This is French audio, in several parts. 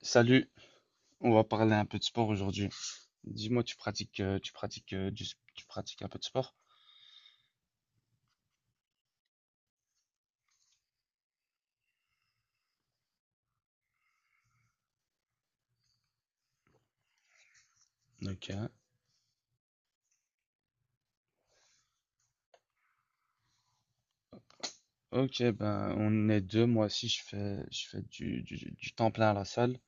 Salut, on va parler un peu de sport aujourd'hui. Dis-moi, tu pratiques, du s- tu pratiques un peu de sport? Ok, ok, ben on est deux. Moi aussi, je fais du temps plein à la salle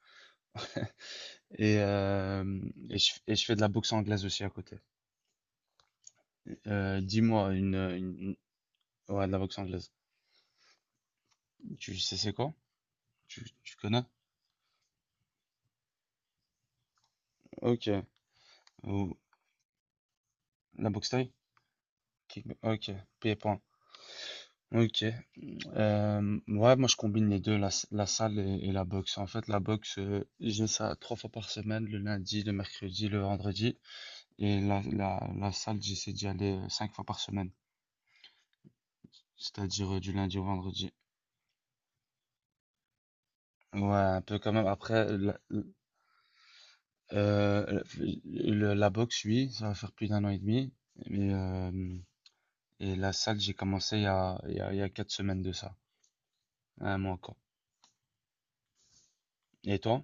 et, euh, et je fais de la boxe anglaise aussi à côté. Euh, dis-moi une, une- ouais, de la boxe anglaise. Tu sais c'est quoi? Tu connais? Ok. Ou la boxe thaï? Ok. Pieds-poings. Ok. Ouais, moi je combine les deux, la salle et la boxe. En fait, la boxe, j'ai ça 3 fois par semaine, le lundi, le mercredi, le vendredi. Et la salle, j'essaie d'y aller 5 fois par semaine, c'est-à-dire du lundi au vendredi. Ouais, un peu quand même. Après, euh, la boxe, oui, ça va faire plus d'un an et demi. Mais, et la salle, j'ai commencé il y a, il y a, il y a 4 semaines de ça, un mois encore. Et toi?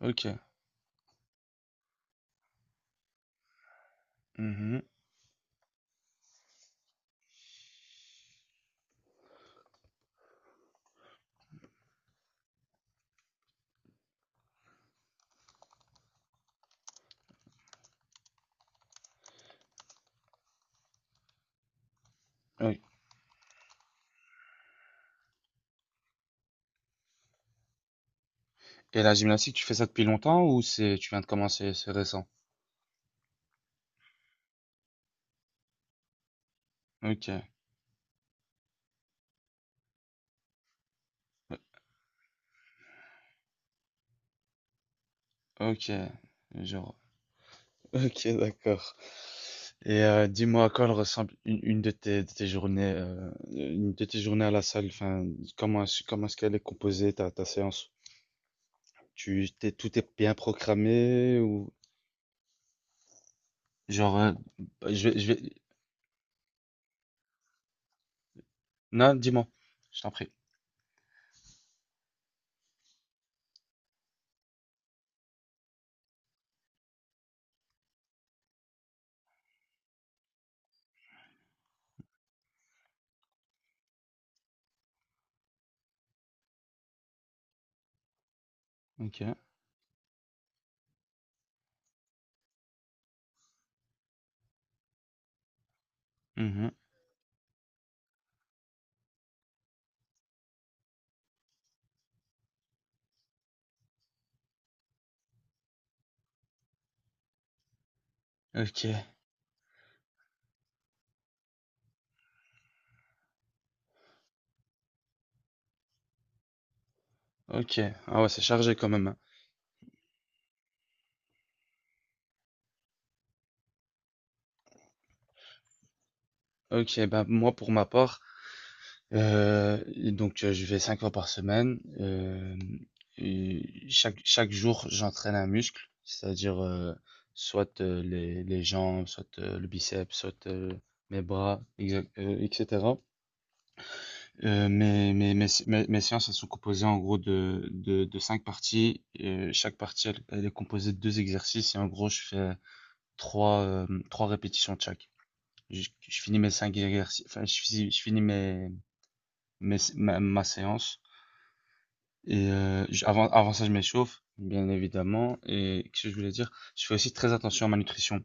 Ok. Mhm. Ok. Et la gymnastique, tu fais ça depuis longtemps ou c'est tu viens de commencer, c'est récent? Ok, ok, genre, ok, d'accord. Et dis-moi à quoi elle ressemble une de tes journées à la salle. Enfin, comment est-ce qu'elle est composée ta séance? Tout est bien programmé ou genre, je vais, je vais, non, dis-moi, je t'en prie. Ok. Mhm. Ok, ok. Ah ouais, c'est chargé quand même, hein. Ok, ben moi pour ma part, et donc je vais 5 fois par semaine, hem et chaque jour, j'entraîne un muscle, c'est-à-dire, soit, les jambes, soit, le biceps, soit, mes bras, exact et cetera. Mes séances, elles sont composées en gros de 5 parties et chaque partie, elle est composée de 2 exercices et en gros, je fais 3 3 répétitions de chaque. Je finis mes 5 exercices, enfin, je finis mes mes ma ma séance. Et, avant ça, je m'échauffe, bien évidemment. Et qu'est-ce que je voulais dire? Je fais aussi très attention à ma nutrition.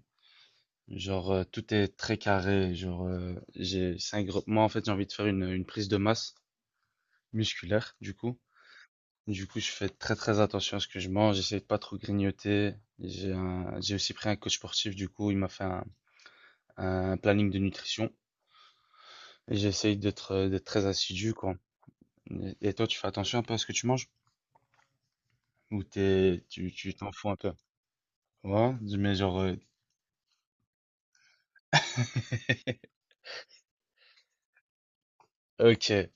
Genre, tout est très carré. Genre, moi, en fait, j'ai envie de faire une prise de masse musculaire, du coup. Du coup, je fais très, très attention à ce que je mange. J'essaie de pas trop grignoter. J'ai aussi pris un coach sportif, du coup, il m'a fait un planning de nutrition. Et j'essaye d'être très assidu, quoi. Et toi, tu fais attention un peu à ce que tu manges? Ou tu t'en fous un peu? Ouais, mais genre, Ok,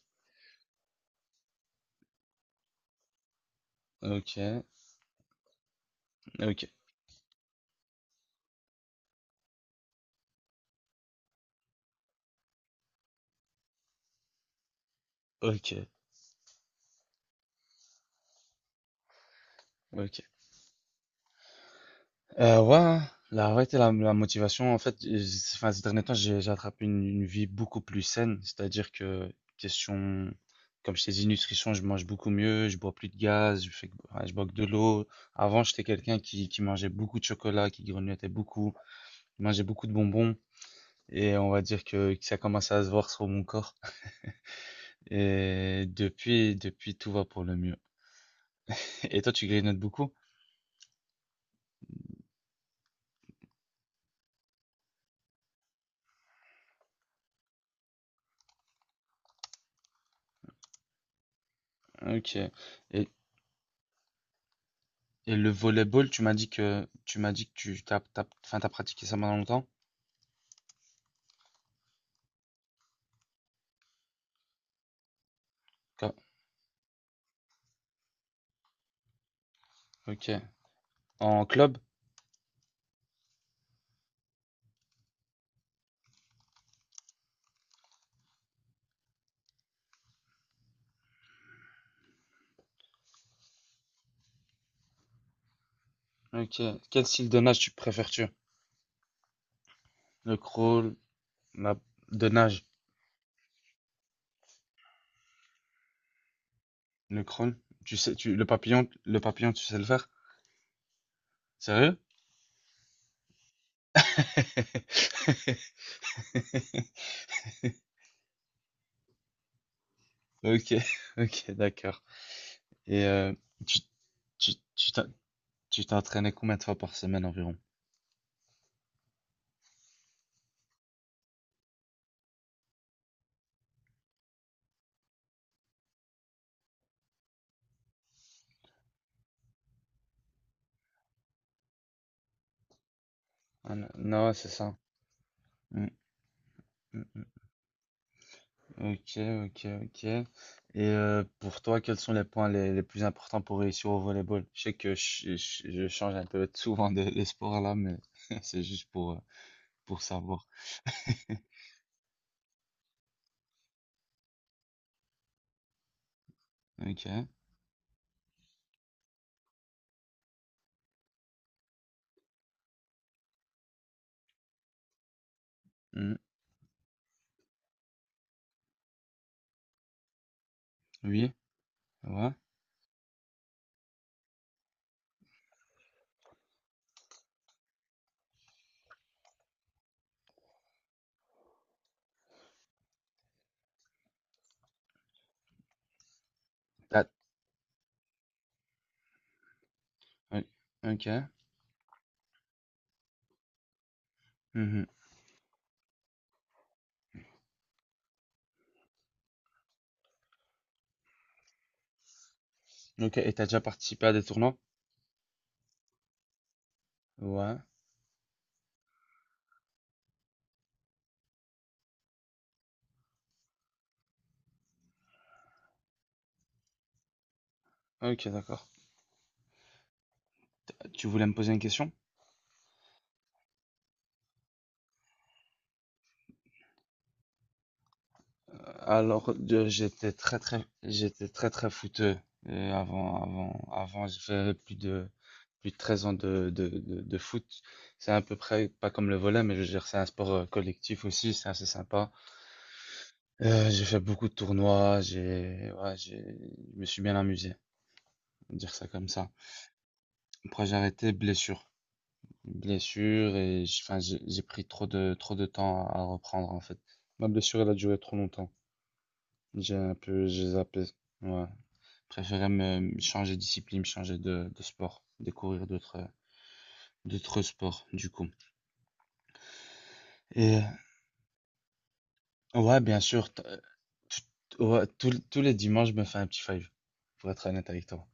ok, ok, ok, ok. Ouais, hein, la vérité, la motivation, en fait, enfin, ces derniers temps, j'ai attrapé une vie beaucoup plus saine. C'est-à-dire que, question, comme je t'ai dit, nutrition, je mange beaucoup mieux, je bois plus de gaz, ouais, je bois que de l'eau. Avant, j'étais quelqu'un qui mangeait beaucoup de chocolat, qui grignotait beaucoup, qui mangeait beaucoup de bonbons. Et on va dire que ça commence à se voir sur mon corps. Et depuis, tout va pour le mieux. Et toi, tu grignotes beaucoup? Ok. Et, Et le volleyball, tu m'as dit que enfin, t'as pratiqué ça pendant longtemps? Co- Ok. En club? Ok. Quel style de nage tu préfères-tu? Le crawl, la... de nage, le crawl. Tu sais, le papillon, tu sais le faire? Sérieux? Ok, ok, d'accord. Et tu, tu, tu t'en- tu t'entraînais combien de fois par semaine environ? Ah, non, non, ouais, c'est ça. Mm. Ok, ok, ok. Et pour toi, quels sont les points les plus importants pour réussir au volleyball? Je sais que je change un peu souvent de sport là, mais c'est juste pour savoir. Ok. Hmm. Oui, ouais. T'as- oui. Ok. Mhm. Ok, et t'as déjà participé à des tournois? Ouais. Ok, d'accord. Tu voulais me poser une question? Alors, j'étais très très footeux avant avant j'ai fait plus de 13 ans de foot. C'est à peu près pas comme le volley mais je veux dire c'est un sport collectif aussi, c'est assez sympa. J'ai fait beaucoup de tournois, j'ai ouais, j'ai je me suis bien amusé, on va dire ça comme ça. Après j'ai arrêté blessure. Blessure et enfin j'ai pris trop de temps à reprendre en fait. Ma blessure elle a duré trop longtemps. J'ai un peu j'ai zappé. Ouais. Préférais me changer de discipline, me changer de sport, découvrir d'autres sports du coup. Et ouais, bien sûr, ouais, tous les dimanches, je me fais un petit five, pour être honnête avec toi.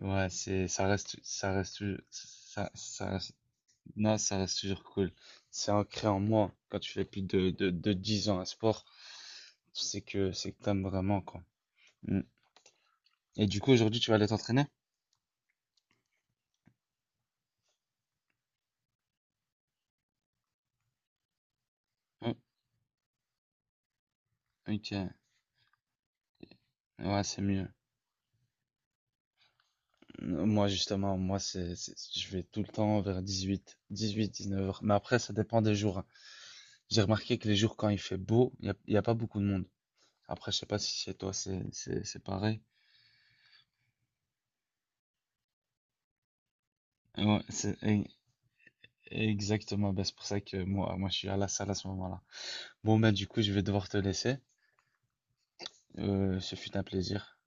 Ouais, c'est ça reste tou- non, ça reste toujours cool. C'est ancré en moi quand tu fais plus de 10 ans à sport, tu sais que c'est que t'aimes vraiment quoi. Mm. Et du coup aujourd'hui tu vas aller t'entraîner? Oh, ok. Ouais, c'est mieux. Moi, justement, moi, je vais tout le temps vers 18, 18, 19 heures. Mais après, ça dépend des jours, hein. J'ai remarqué que les jours quand il fait beau, il y a pas beaucoup de monde. Après, je sais pas si chez toi, c'est pareil. Et ouais, exactement. Ben, c'est pour ça que moi, je suis à la salle à ce moment-là. Bon, ben, du coup, je vais devoir te laisser. Ce fut un plaisir.